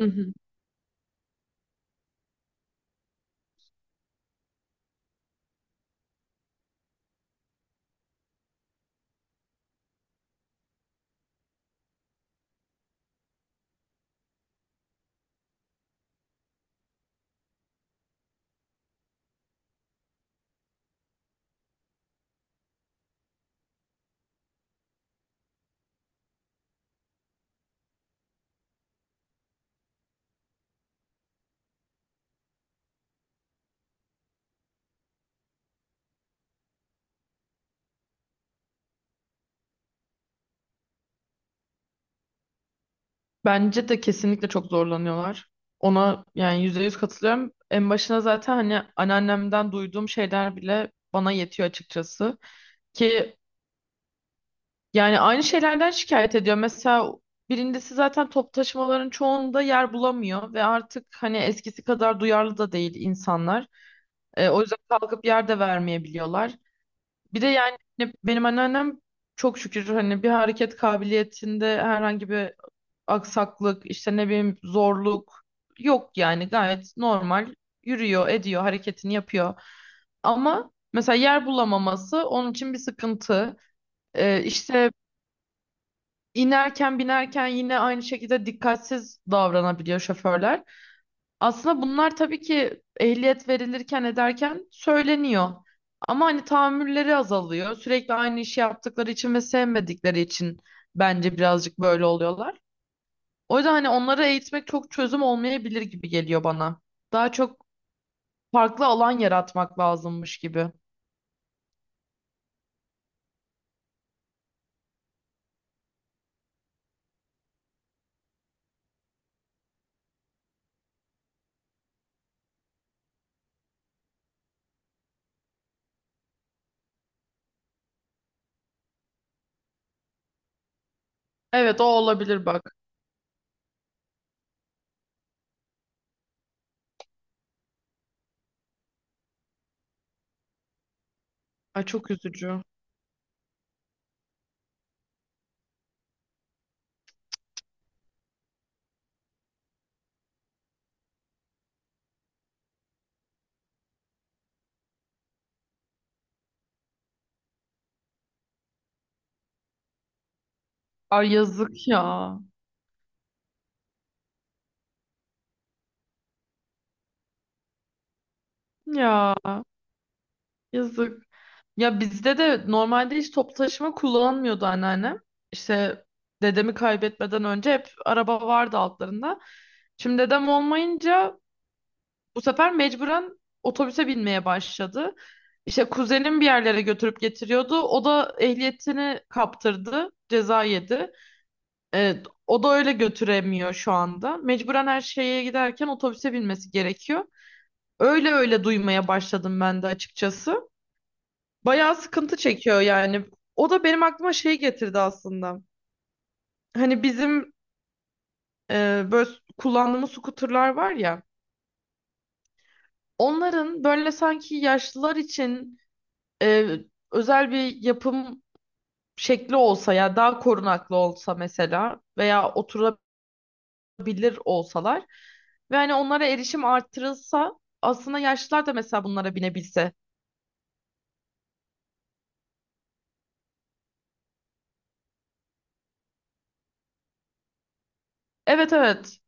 Hı hı. Bence de kesinlikle çok zorlanıyorlar. Ona yani yüzde yüz katılıyorum. En başına zaten hani anneannemden duyduğum şeyler bile bana yetiyor açıkçası. Ki yani aynı şeylerden şikayet ediyor. Mesela birincisi zaten top taşımaların çoğunda yer bulamıyor ve artık hani eskisi kadar duyarlı da değil insanlar. O yüzden kalkıp yer de vermeyebiliyorlar. Bir de yani hani benim anneannem çok şükür hani bir hareket kabiliyetinde herhangi bir aksaklık, işte ne bileyim zorluk yok, yani gayet normal yürüyor, ediyor, hareketini yapıyor. Ama mesela yer bulamaması onun için bir sıkıntı. İşte inerken binerken yine aynı şekilde dikkatsiz davranabiliyor şoförler. Aslında bunlar tabii ki ehliyet verilirken ederken söyleniyor. Ama hani tahammülleri azalıyor. Sürekli aynı işi yaptıkları için ve sevmedikleri için bence birazcık böyle oluyorlar. O yüzden hani onları eğitmek çok çözüm olmayabilir gibi geliyor bana. Daha çok farklı alan yaratmak lazımmış gibi. Evet, o olabilir bak. Ay, çok üzücü. Ay, yazık ya. Ya, yazık. Ya bizde de normalde hiç toplu taşıma kullanmıyordu anneannem. İşte dedemi kaybetmeden önce hep araba vardı altlarında. Şimdi dedem olmayınca bu sefer mecburen otobüse binmeye başladı. İşte kuzenim bir yerlere götürüp getiriyordu. O da ehliyetini kaptırdı. Ceza yedi. O da öyle götüremiyor şu anda. Mecburen her şeye giderken otobüse binmesi gerekiyor. Öyle öyle duymaya başladım ben de açıkçası. Bayağı sıkıntı çekiyor yani. O da benim aklıma şey getirdi aslında. Hani bizim böyle kullandığımız skuterlar var ya. Onların böyle sanki yaşlılar için e, özel bir yapım şekli olsa ya, daha korunaklı olsa mesela veya oturabilir olsalar ve hani onlara erişim artırılsa aslında yaşlılar da mesela bunlara binebilse. Evet, evet,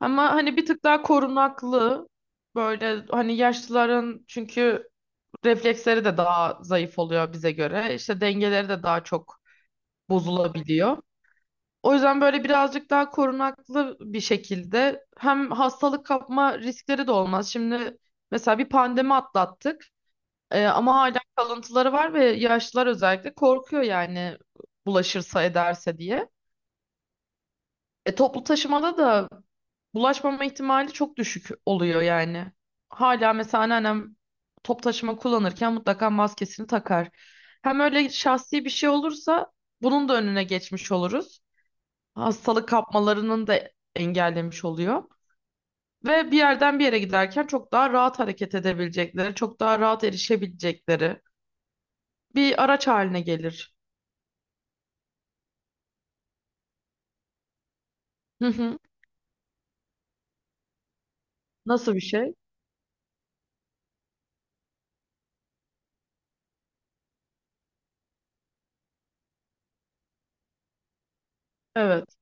ama hani bir tık daha korunaklı, böyle hani yaşlıların çünkü refleksleri de daha zayıf oluyor bize göre, işte dengeleri de daha çok bozulabiliyor. O yüzden böyle birazcık daha korunaklı bir şekilde hem hastalık kapma riskleri de olmaz. Şimdi mesela bir pandemi atlattık, ama hala kalıntıları var ve yaşlılar özellikle korkuyor yani, bulaşırsa ederse diye. Toplu taşımada da bulaşmama ihtimali çok düşük oluyor yani. Hala mesela anneannem top taşıma kullanırken mutlaka maskesini takar. Hem öyle şahsi bir şey olursa bunun da önüne geçmiş oluruz, hastalık kapmalarının da engellemiş oluyor. Ve bir yerden bir yere giderken çok daha rahat hareket edebilecekleri, çok daha rahat erişebilecekleri bir araç haline gelir. Hı hı. Nasıl bir şey? Evet.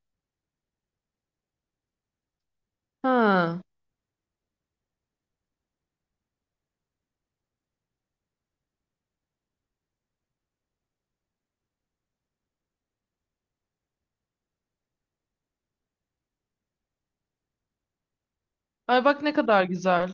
Ha. Ay, bak ne kadar güzel.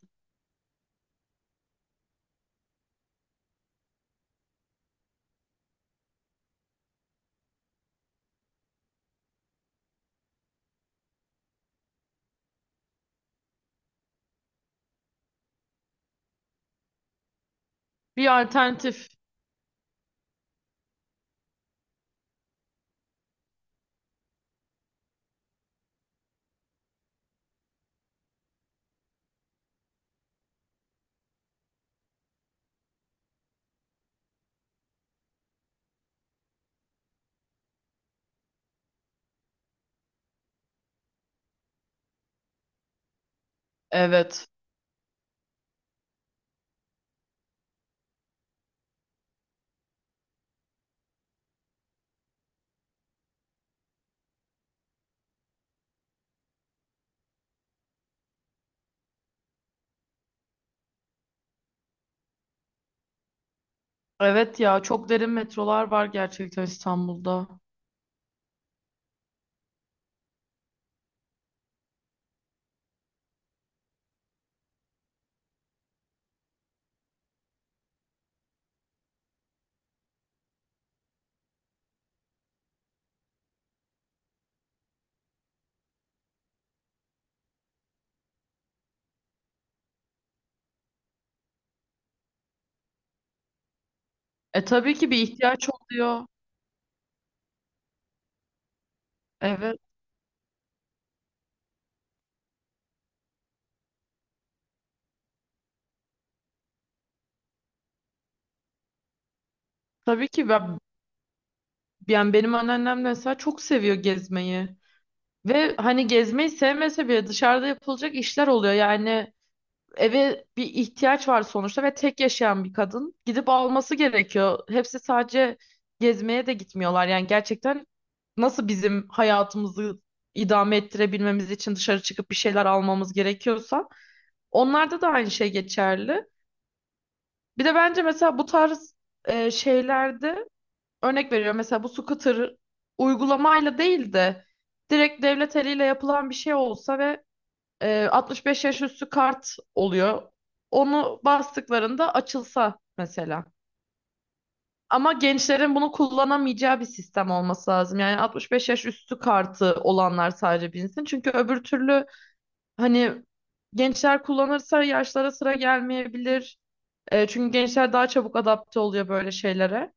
Bir alternatif. Evet. Evet ya, çok derin metrolar var gerçekten İstanbul'da. E tabii ki bir ihtiyaç oluyor. Evet. Tabii ki ben, yani benim anneannem mesela çok seviyor gezmeyi. Ve hani gezmeyi sevmese bile dışarıda yapılacak işler oluyor. Yani eve bir ihtiyaç var sonuçta ve tek yaşayan bir kadın gidip alması gerekiyor. Hepsi sadece gezmeye de gitmiyorlar. Yani gerçekten nasıl bizim hayatımızı idame ettirebilmemiz için dışarı çıkıp bir şeyler almamız gerekiyorsa onlarda da aynı şey geçerli. Bir de bence mesela bu tarz şeylerde, örnek veriyorum, mesela bu scooter uygulamayla değil de direkt devlet eliyle yapılan bir şey olsa ve 65 yaş üstü kart oluyor. Onu bastıklarında açılsa mesela. Ama gençlerin bunu kullanamayacağı bir sistem olması lazım. Yani 65 yaş üstü kartı olanlar sadece binsin. Çünkü öbür türlü hani gençler kullanırsa yaşlara sıra gelmeyebilir. Çünkü gençler daha çabuk adapte oluyor böyle şeylere.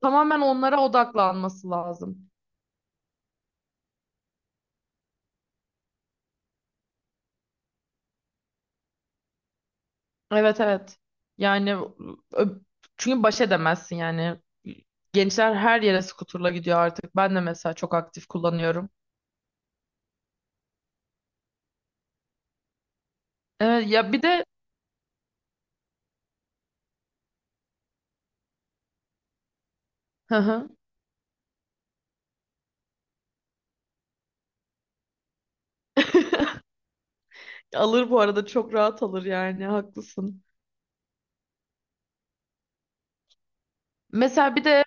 Tamamen onlara odaklanması lazım. Evet, evet. Yani ö- çünkü baş edemezsin yani. Gençler her yere skuterla gidiyor artık. Ben de mesela çok aktif kullanıyorum. Evet ya, bir de Hı hı. alır bu arada, çok rahat alır yani, haklısın. Mesela bir de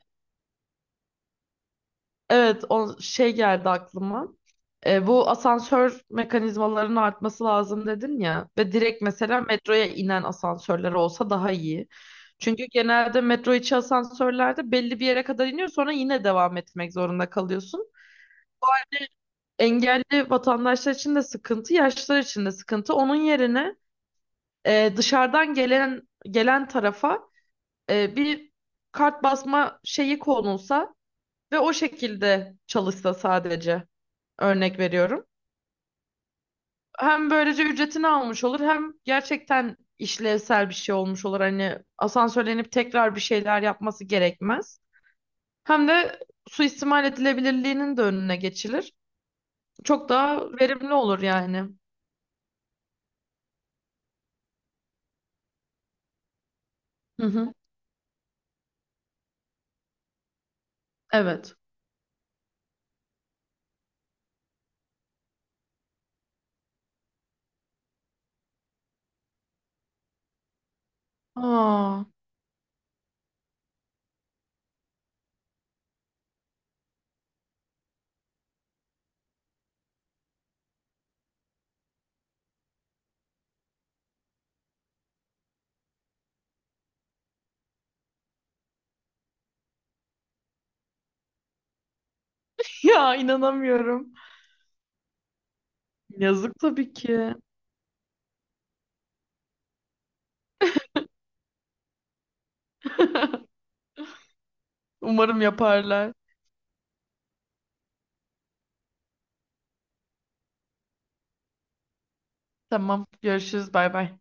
evet, o şey geldi aklıma. Bu asansör mekanizmalarının artması lazım dedin ya, ve direkt mesela metroya inen asansörler olsa daha iyi. Çünkü genelde metro içi asansörlerde belli bir yere kadar iniyor, sonra yine devam etmek zorunda kalıyorsun. Engelli vatandaşlar için de sıkıntı, yaşlılar için de sıkıntı. Onun yerine dışarıdan gelen tarafa bir kart basma şeyi konulsa ve o şekilde çalışsa sadece, örnek veriyorum. Hem böylece ücretini almış olur, hem gerçekten işlevsel bir şey olmuş olur. Hani asansörlenip tekrar bir şeyler yapması gerekmez. Hem de suistimal edilebilirliğinin de önüne geçilir. Çok daha verimli olur yani. Hı hı. Evet. Aa, ya, inanamıyorum. Yazık tabii ki. Umarım yaparlar. Tamam, görüşürüz. Bay bay.